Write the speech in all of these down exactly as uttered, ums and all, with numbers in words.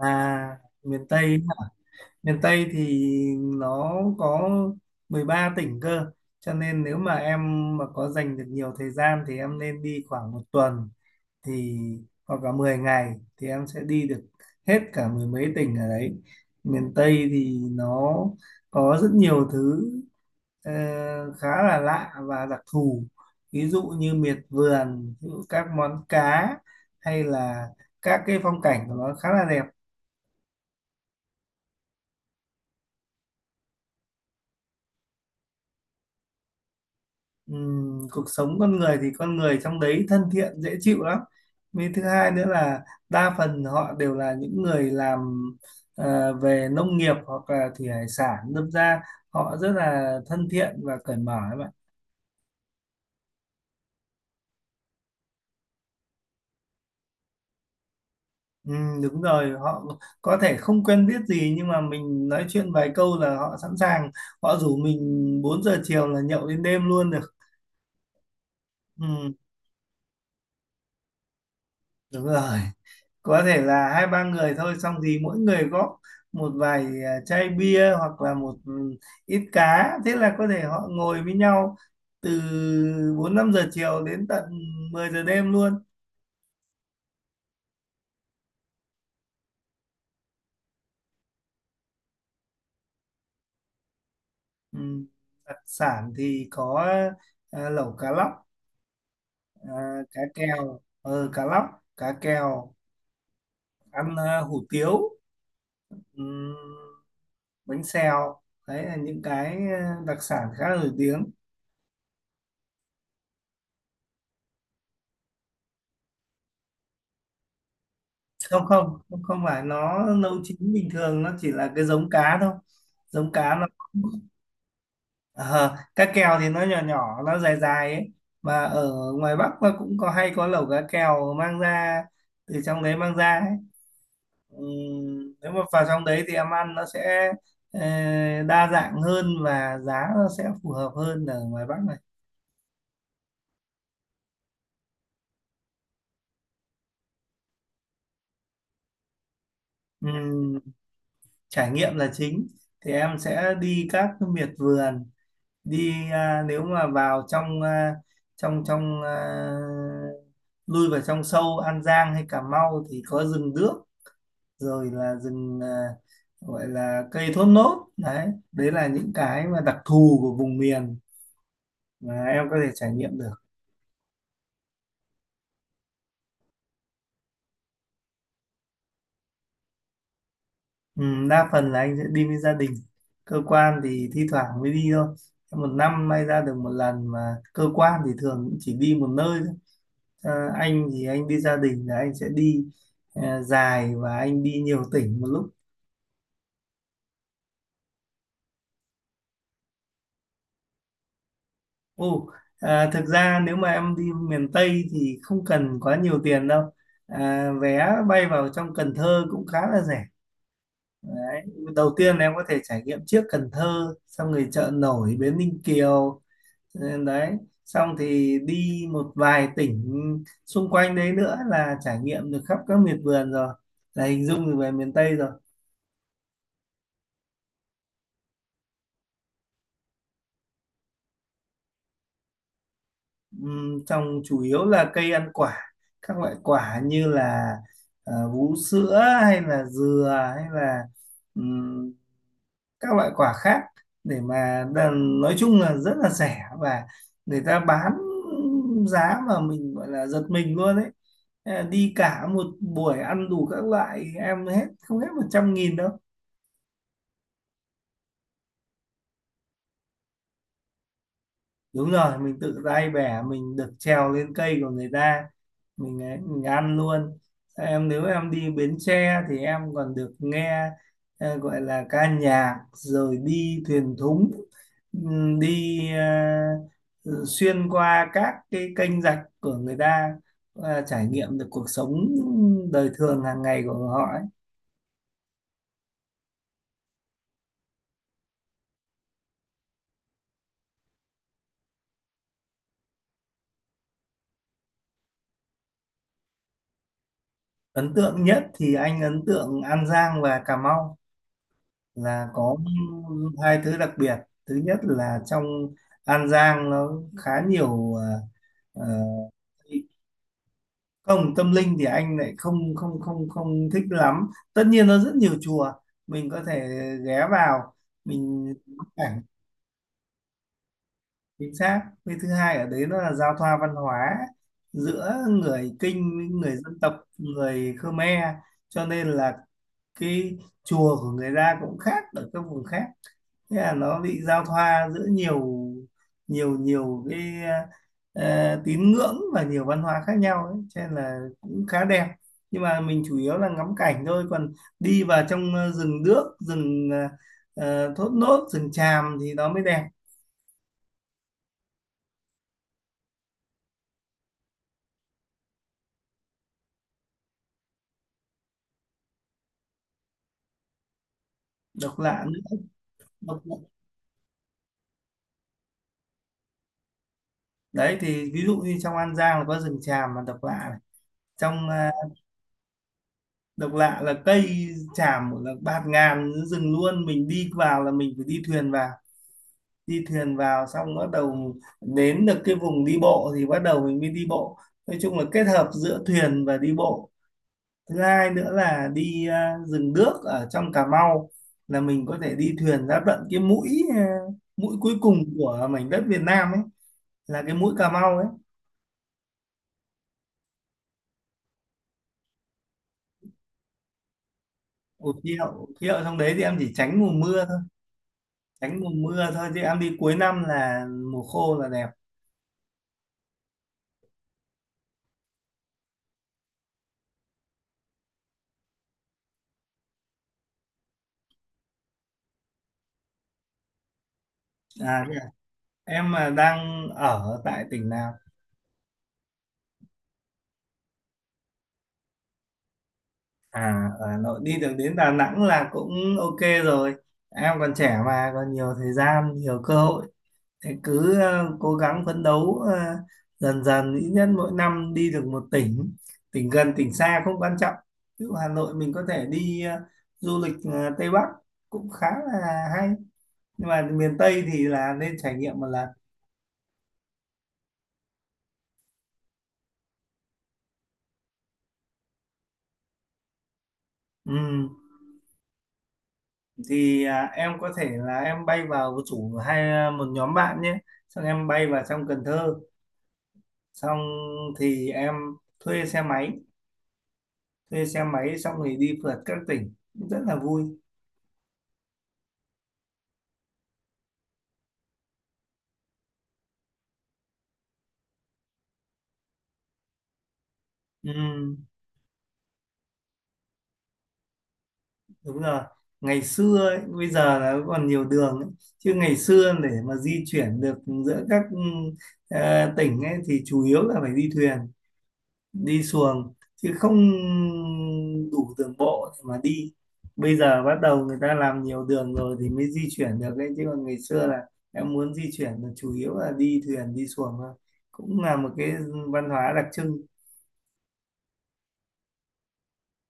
À, miền Tây miền Tây thì nó có mười ba tỉnh cơ, cho nên nếu mà em mà có dành được nhiều thời gian thì em nên đi khoảng một tuần, thì hoặc là mười ngày thì em sẽ đi được hết cả mười mấy tỉnh ở đấy. Miền Tây thì nó có rất nhiều thứ ờ, khá là lạ và đặc thù, ví dụ như miệt vườn, ví dụ các món cá, hay là các cái phong cảnh của nó khá là đẹp. Ừm, cuộc sống con người thì con người trong đấy thân thiện dễ chịu lắm, với thứ hai nữa là đa phần họ đều là những người làm ờ, về nông nghiệp hoặc là thủy hải sản, đâm ra họ rất là thân thiện và cởi mở các bạn. Ừm, đúng rồi, họ có thể không quen biết gì nhưng mà mình nói chuyện vài câu là họ sẵn sàng, họ rủ mình bốn giờ chiều là nhậu đến đêm luôn được. Ừm, đúng rồi, có thể là hai ba người thôi, xong thì mỗi người góp một vài à, chai bia, hoặc là một ừ, ít cá, thế là có thể họ ngồi với nhau từ bốn năm giờ chiều đến tận mười giờ đêm luôn. Ừ. Đặc sản thì có à, lẩu cá lóc, à, cá kèo, ờ, cá lóc, cá kèo, ăn à, hủ tiếu, ừ, bánh xèo. Đấy là những cái à, đặc sản khá nổi tiếng. Không, không, không, không phải, nó nấu chín bình thường, nó chỉ là cái giống cá thôi. Giống cá nó, ờ, cá kèo thì nó nhỏ nhỏ, nó dài dài ấy, mà ở ngoài Bắc nó cũng có, hay có lẩu cá kèo mang ra, từ trong đấy mang ra ấy. Ừm, nếu mà vào trong đấy thì em ăn nó sẽ ờ, đa dạng hơn và giá nó sẽ phù hợp hơn ở ngoài Bắc này. Ừm, trải nghiệm là chính, thì em sẽ đi các miệt vườn, đi à, nếu mà vào trong à, trong trong à, lui vào trong sâu An Giang hay Cà Mau thì có rừng đước, rồi là rừng, à, gọi là cây thốt nốt đấy. Đấy là những cái mà đặc thù của vùng miền mà em có thể trải nghiệm được. Ừ, đa phần là anh sẽ đi với gia đình, cơ quan thì thi thoảng mới đi thôi, một năm may ra được một lần, mà cơ quan thì thường cũng chỉ đi một nơi thôi. Ờ, anh thì anh đi gia đình là anh sẽ đi ờ, dài và anh đi nhiều tỉnh một lúc. Ồ, à, thực ra nếu mà em đi miền Tây thì không cần quá nhiều tiền đâu. À, vé bay vào trong Cần Thơ cũng khá là rẻ. Đấy. Đầu tiên em có thể trải nghiệm trước Cần Thơ, xong rồi chợ nổi Bến Ninh Kiều, ờ, đấy. Xong thì đi một vài tỉnh xung quanh đấy nữa là trải nghiệm được khắp các miệt vườn rồi. Là hình dung được về miền Tây rồi. Ừm, trồng chủ yếu là cây ăn quả, các loại quả như là ờ, vú sữa, hay là dừa, hay là ừm, các loại quả khác. Để mà đàn- nói chung là rất là rẻ, và người ta bán giá mà mình gọi là giật mình luôn ấy. Ờ, đi cả một buổi ăn đủ các loại em, hết không hết một trăm nghìn đâu. Đúng rồi, mình tự tay bẻ, mình được trèo lên cây của người ta, mình ấy, mình ăn luôn. Em, nếu em đi Bến Tre thì em còn được nghe ờ, gọi là ca nhạc, rồi đi thuyền thúng, ừm, đi ờ, xuyên qua các cái kênh rạch của người ta và trải nghiệm được cuộc sống đời thường hàng ngày của họ ấy. Ấn tượng nhất thì anh ấn tượng An Giang và Cà Mau, là có hai thứ đặc biệt. Thứ nhất là trong An Giang nó khá nhiều ờ, ờ, không. Tâm linh thì anh lại không không không không thích lắm, tất nhiên nó rất nhiều chùa, mình có thể ghé vào, mình ngắm cảnh. Chính xác. Cái thứ hai ở đấy nó là giao thoa văn hóa giữa người Kinh với người dân tộc người Khmer, cho nên là cái chùa của người ta cũng khác ở các vùng khác, thế là nó bị giao thoa giữa nhiều nhiều nhiều cái ờ, tín ngưỡng và nhiều văn hóa khác nhau ấy. Cho nên là cũng khá đẹp, nhưng mà mình chủ yếu là ngắm cảnh thôi, còn đi vào trong ờ, rừng đước, rừng ờ, ờ, thốt nốt, rừng tràm thì nó mới đẹp. Độc lạ nữa. Độc lạ. Đấy thì ví dụ như trong An Giang là có rừng tràm mà độc lạ này, trong ờ, độc lạ là cây tràm là bạt ngàn rừng luôn, mình đi vào là mình phải đi thuyền vào, đi thuyền vào xong bắt đầu đến được cái vùng đi bộ thì bắt đầu mình mới đi bộ. Nói chung là kết hợp giữa thuyền và đi bộ. Thứ hai nữa là đi à, rừng đước ở trong Cà Mau, là mình có thể đi thuyền ra tận cái mũi, à, mũi cuối cùng của mảnh đất Việt Nam ấy, là cái mũi Cà Mau ấy. Ủa, khí hậu khí hậu trong đấy thì em chỉ tránh mùa mưa thôi. Tránh mùa mưa thôi, chứ em đi cuối năm là mùa khô là đẹp. À thế à? Em mà đang ở tại tỉnh nào? À, ở Hà Nội đi được đến Đà Nẵng là cũng ok rồi. Em còn trẻ mà, còn nhiều thời gian, nhiều cơ hội. Thế cứ ờ, cố gắng phấn đấu, ờ, dần dần, ít nhất mỗi năm đi được một tỉnh. Tỉnh gần, tỉnh xa không quan trọng. Ví dụ Hà Nội mình có thể đi ờ, du lịch ờ, Tây Bắc cũng khá là hay. Nhưng mà miền Tây thì là nên trải nghiệm một lần. Ừ. Thì à, em có thể là em bay vào chủ, hay ờ, một nhóm bạn nhé. Xong em bay vào trong Cần Thơ, xong thì em thuê xe máy, thuê xe máy xong thì đi phượt các tỉnh, cũng rất là vui. Ừ, đúng rồi. Ngày xưa ấy, bây giờ là còn nhiều đường ấy. Chứ ngày xưa để mà di chuyển được giữa các ừ, ờ, tỉnh ấy thì chủ yếu là phải đi thuyền, đi xuồng, chứ không đủ đường bộ để mà đi. Bây giờ bắt đầu người ta làm nhiều đường rồi thì mới di chuyển được đấy, chứ còn ngày xưa là em muốn di chuyển là chủ yếu là đi thuyền, đi xuồng thôi. Cũng là một cái văn hóa đặc trưng.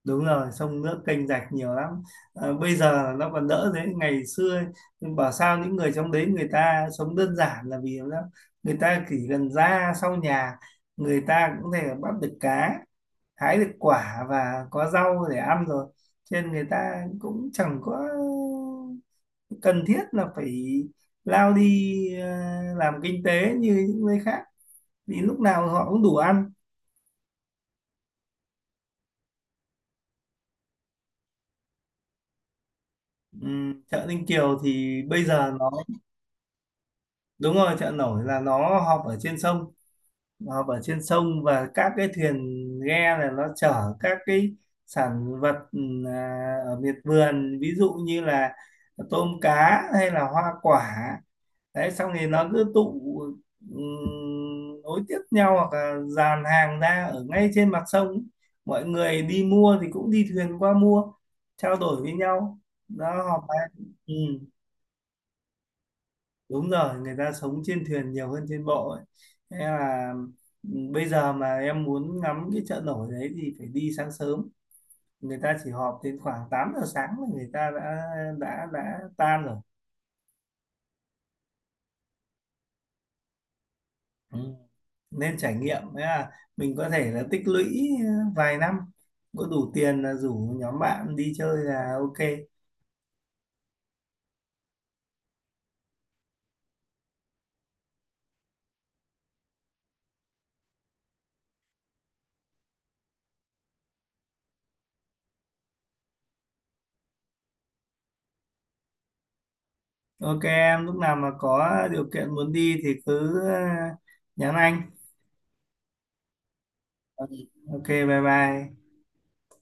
Đúng rồi, sông nước kênh rạch nhiều lắm. À, bây giờ nó còn đỡ, thế ngày xưa ấy, nhưng bảo sao những người trong đấy người ta sống đơn giản là vì lắm. Người ta chỉ cần ra sau nhà, người ta cũng có thể bắt được cá, hái được quả và có rau để ăn rồi, cho nên người ta cũng chẳng có cần thiết là phải lao đi ờ, làm kinh tế như những nơi khác, vì lúc nào họ cũng đủ ăn. Ừm, chợ Ninh Kiều thì bây giờ nó, đúng rồi, chợ nổi là nó họp ở trên sông. Nó họp ở trên sông và các cái thuyền, ghe là nó chở các cái sản vật, ừm, à, ở miệt vườn, ví dụ như là tôm cá hay là hoa quả. Đấy, xong thì nó cứ tụ, ừm, nối tiếp nhau, hoặc là dàn hàng ra ở ngay trên mặt sông. Mọi người đi mua thì cũng đi thuyền qua mua, trao đổi với nhau, đó họp bàn. Ừ, đúng rồi, người ta sống trên thuyền nhiều hơn trên bộ ấy. Thế là bây giờ mà em muốn ngắm cái chợ nổi đấy thì phải đi sáng sớm, người ta chỉ họp đến khoảng tám giờ sáng là người ta đã đã đã tan rồi. Ừ. Nên trải nghiệm. Thế là mình có thể là tích lũy ờ, vài năm, có đủ tiền là rủ nhóm bạn đi chơi là ok. Ok em, lúc nào mà có điều kiện muốn đi thì cứ ờ, nhắn anh. Ờ, ok, bye bye.